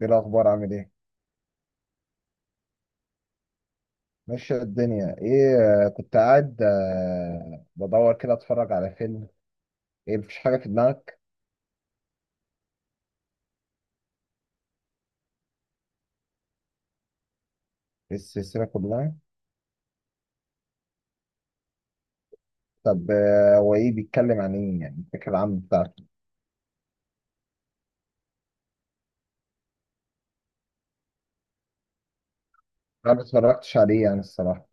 ايه الاخبار؟ عامل ايه؟ ماشي. الدنيا ايه؟ كنت قاعد، بدور كده اتفرج على فيلم. ايه؟ مفيش حاجه في دماغك. السلسله كلها؟ طب، هو ايه بيتكلم عن ايه يعني؟ الفكره العامه بتاعته؟ انا ما اتفرجتش عليه يعني، الصراحه.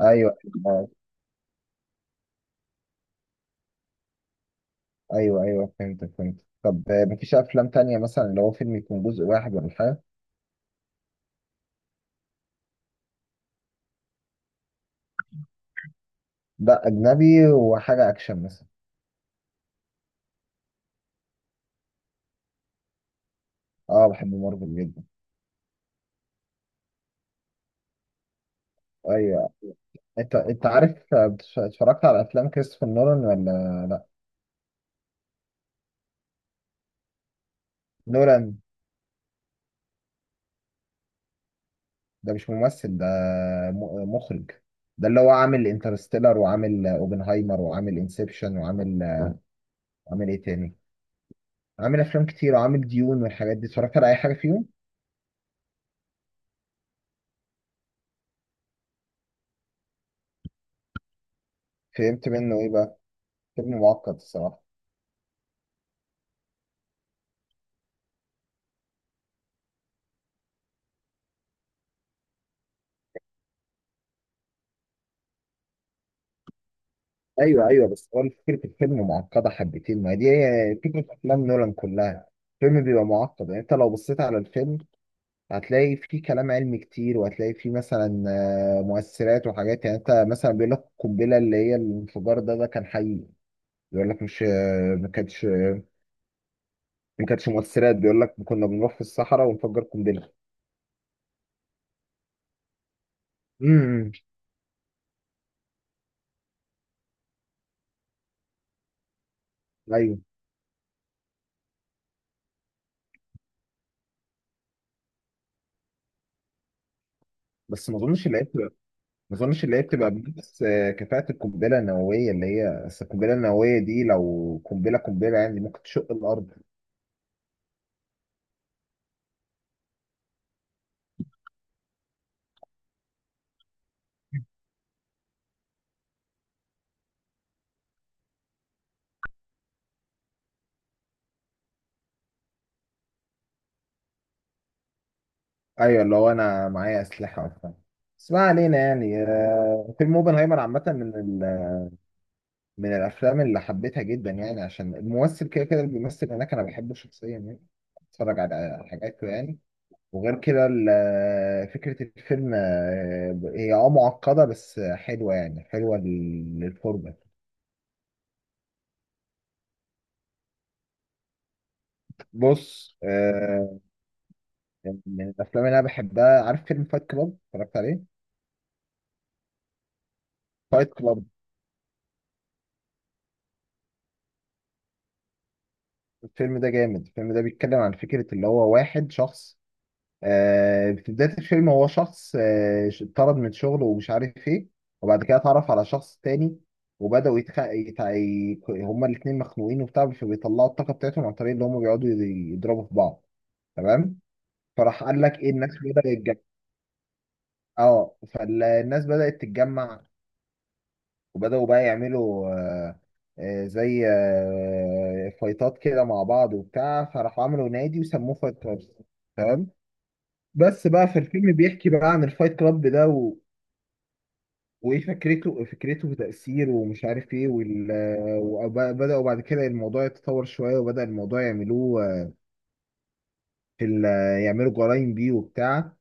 ايوه. آه. ايوه، ايوه، فهمت فهمت. طب، مفيش افلام تانية مثلا اللي هو فيلم يكون جزء واحد ولا حاجه؟ لا، اجنبي وحاجه اكشن مثلا. اه، بحب مارفل جدا. ايوه. انت عارف، اتفرجت على افلام كريستوفر نولان ولا؟ لا. نولان. ده مش ممثل ده. مخرج. ده اللي هو عامل انترستيلر، وعامل اوبنهايمر، وعامل انسبشن، عامل ايه تاني؟ عامل افلام كتير وعامل ديون والحاجات دي. اتفرجت على اي حاجه فيهم؟ فهمت منه ايه بقى؟ فيلم معقد الصراحه. ايوه، ايوه، بس هو فكره الفيلم معقده حبتين. ما دي هي فكره افلام نولان كلها. الفيلم بيبقى معقد، يعني انت لو بصيت على الفيلم هتلاقي فيه كلام علمي كتير، وهتلاقي فيه مثلا مؤثرات وحاجات. يعني انت مثلا بيقول لك القنبله اللي هي الانفجار ده، كان حقيقي. بيقول لك مش... ما كانتش ما كانتش مؤثرات. بيقول لك كنا بنروح في الصحراء ونفجر قنبله. امم. ايوه. بس ما اظنش اللي هي بتبقى ما اظنش اللي هي بتبقى بنفس كفاءه القنبله النوويه اللي هي. بس القنبله النوويه دي لو قنبله قنبله، يعني ممكن تشق الارض. ايوه، اللي هو انا معايا اسلحه وبتاع. بس ما علينا، يعني فيلم اوبنهايمر عامه من الافلام اللي حبيتها جدا يعني، عشان الممثل كده كده اللي بيمثل هناك انا بحبه شخصيا يعني. اتفرج على حاجاته يعني. وغير كده فكرة الفيلم، هي معقدة بس حلوة، يعني حلوة للفرجة. بص، يعني من الأفلام اللي أنا بحبها، عارف فيلم فايت كلاب اتفرجت عليه؟ فايت كلاب. الفيلم ده جامد. الفيلم ده بيتكلم عن فكرة اللي هو واحد شخص، في بداية الفيلم هو شخص، اتطرد من شغله ومش عارف ايه. وبعد كده اتعرف على شخص تاني. وبدأوا هما الاتنين مخنوقين وبتاع، فبيطلعوا الطاقة بتاعتهم عن طريق اللي هما بيقعدوا يضربوا في بعض. تمام. فراح قال لك ايه؟ الناس بدأت تتجمع. اه، فالناس بدأت تتجمع، وبدأوا بقى يعملوا زي فايتات كده مع بعض وبتاع، فراحوا عملوا نادي وسموه فايت كلاب. تمام. بس بقى في الفيلم بيحكي بقى عن الفايت كلاب ده وايه فكرته؟ وتأثيره ومش عارف ايه، وبدأوا بعد كده الموضوع يتطور شوية. وبدأ الموضوع يعملوه في ال... يعملوا جرايم بيه وبتاع.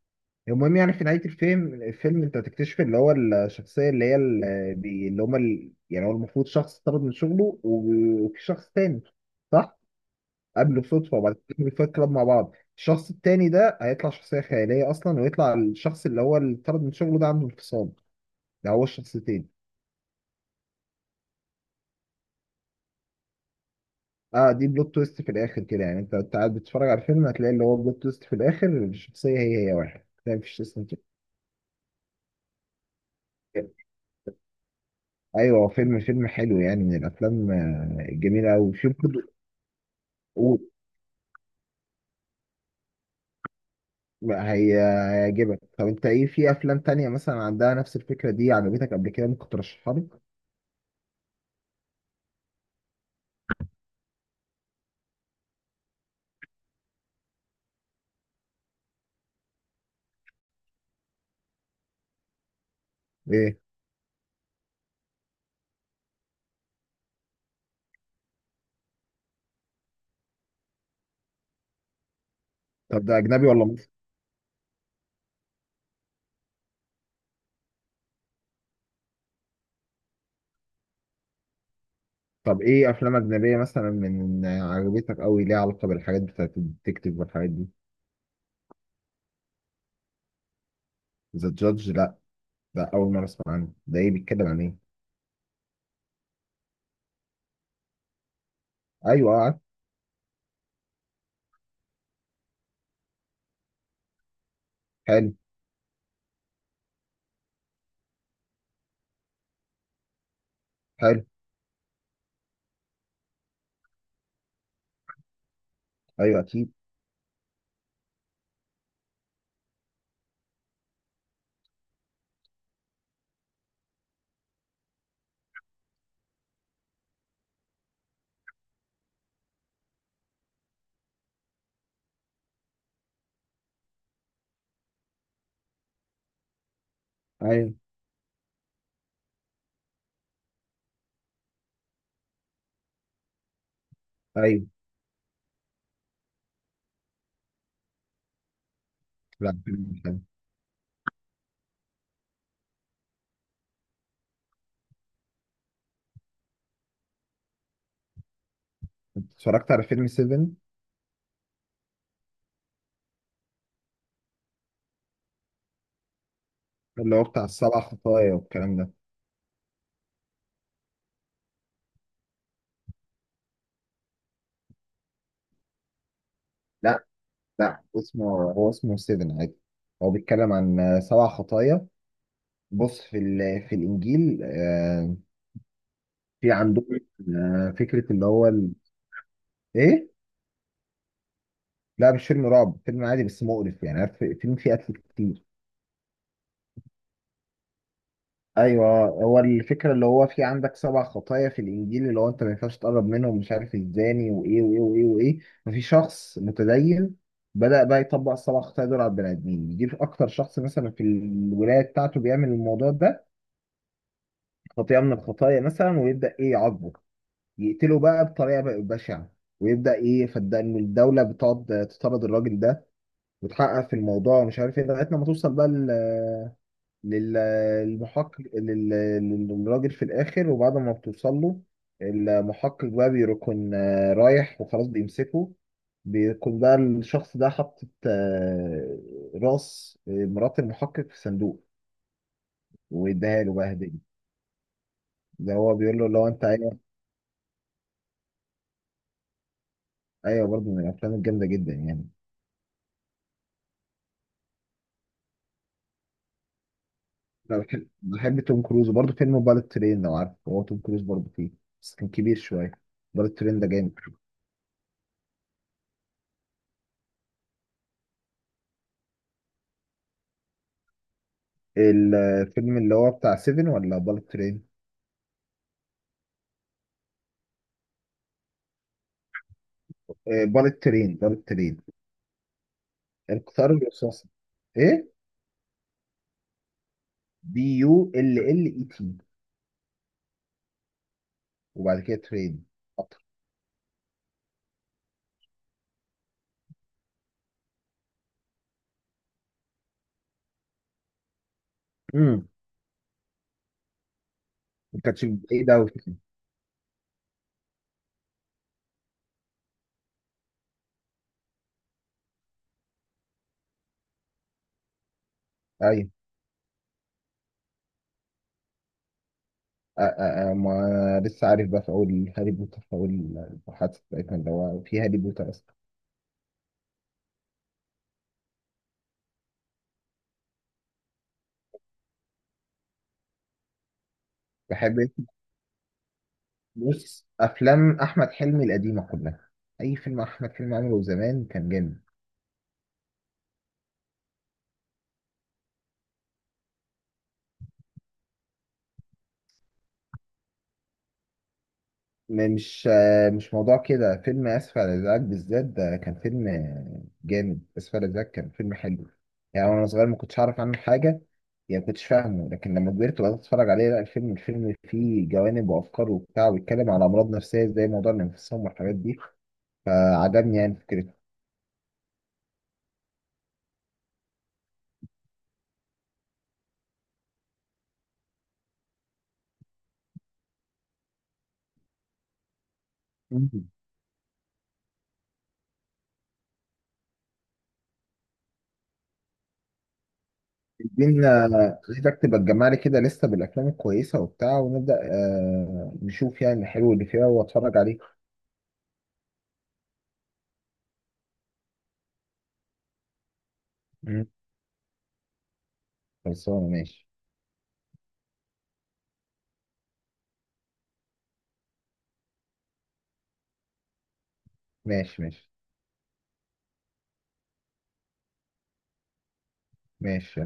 المهم، يعني في نهاية الفيلم انت هتكتشف اللي هو الشخصية اللي هي يعني هو المفروض شخص طرد من شغله وفي شخص تاني، صح؟ قابله صدفة، وبعد كده الفايت كلاب مع بعض. الشخص التاني ده هيطلع شخصية خيالية أصلا، ويطلع الشخص اللي هو اللي طرد من شغله ده عنده انفصام. ده هو الشخصيتين. اه، دي بلوت تويست في الآخر كده، يعني انت قاعد بتتفرج على الفيلم هتلاقي اللي هو بلوت تويست في الآخر، الشخصية هي هي واحد ده مفيش اسمه كده. ايوه، فيلم حلو، يعني من الافلام الجميله قوي في برضه. لا، هي هيعجبك. طب انت ايه في افلام تانية مثلا عندها نفس الفكرة دي عجبتك قبل كده؟ ممكن ترشحها لي؟ ايه؟ طب ده اجنبي ولا مصري؟ طب ايه افلام اجنبية مثلا من عجبتك قوي ليها علاقة بالحاجات بتاعت الديتكتيف والحاجات دي؟ ذا جادج؟ لا. ده اول مرة اسمع عنه. ده ايه بيتكلم عن ايه؟ ايوه اه عارف. حلو. حلو. ايوه اكيد. ايوه. ايوه. لا، فيلم حلو. انت اتفرجت على فيلم 7؟ اللي هو بتاع السبع خطايا والكلام ده. لا. لا اسمه... هو اسمه 7 عادي. هو بيتكلم عن سبع خطايا. بص، في الانجيل، في عندهم فكره اللي هو ايه؟ لا مش فيلم رعب. فيلم عادي بس مقرف، يعني عارف، فيلم فيه قتل كتير. ايوه، هو الفكره اللي هو في عندك سبع خطايا في الانجيل، اللي هو انت ما ينفعش تقرب منهم، مش عارف الزاني وايه وايه وايه وايه. ففي شخص متدين بدأ بقى يطبق السبع خطايا دول على البني ادمين. يجيب اكتر شخص مثلا في الولايه بتاعته بيعمل الموضوع ده، خطيئه من الخطايا مثلا، ويبدأ ايه؟ يعاقبه. يقتله بقى بطريقة بقى بشعة. ويبدأ إيه فالدم. الدولة بتقعد تطرد الراجل ده، وتحقق في الموضوع ومش عارف إيه، لغاية لما توصل بقى لل- للمحقق، للراجل في الآخر. وبعد ما بتوصل له المحقق بقى، بيكون رايح وخلاص بيمسكه، بيكون بقى الشخص ده حاطط راس مرات المحقق في صندوق، ويديها له بقى هدية. ده هو بيقول له لو انت... ايوه. ايوه برضه من الافلام الجامده جدا يعني. انا بحب توم كروز، وبرضه فيلم بالت ترين لو عارف، هو توم كروز برضه فيه. بس كان كبير شويه. بالت ترين ده جامد. الفيلم اللي هو بتاع سيفن ولا بالت ترين؟ بالت ترين، بالت ترين. القطار الرصاصي. ايه؟ بي يو ال ال اي تي، وبعد كده ترين. قطر. امم. ما كانتش بعيد قوي. ايوه. ما لسه عارف بقى، في اول هاري بوتر، في اول البحث بتاعتنا اللي هو في هاري بوتر اصلا. بحب. بص، افلام احمد حلمي القديمه كلها. اي فيلم احمد حلمي عمله زمان كان جامد. مش موضوع كده. فيلم اسف على الازعاج بالذات ده كان فيلم جامد. اسف على الازعاج كان فيلم حلو. يعني وانا صغير ما كنتش اعرف عنه حاجه، يعني ما كنتش فاهمه، لكن لما كبرت وبدات اتفرج عليه لا الفيلم، الفيلم فيه جوانب وافكار وبتاع، وبيتكلم على امراض نفسيه زي موضوع الانفصام والحاجات دي. فعجبني يعني فكرته. مم. عايزين آه، عايزك تبقى تجمع لي كده لسه بالافلام الكويسه وبتاع، ونبدا نشوف يعني الحلو اللي فيها واتفرج عليه. مم. خلصانه، ماشي. ماشي، ماشي. ماشي.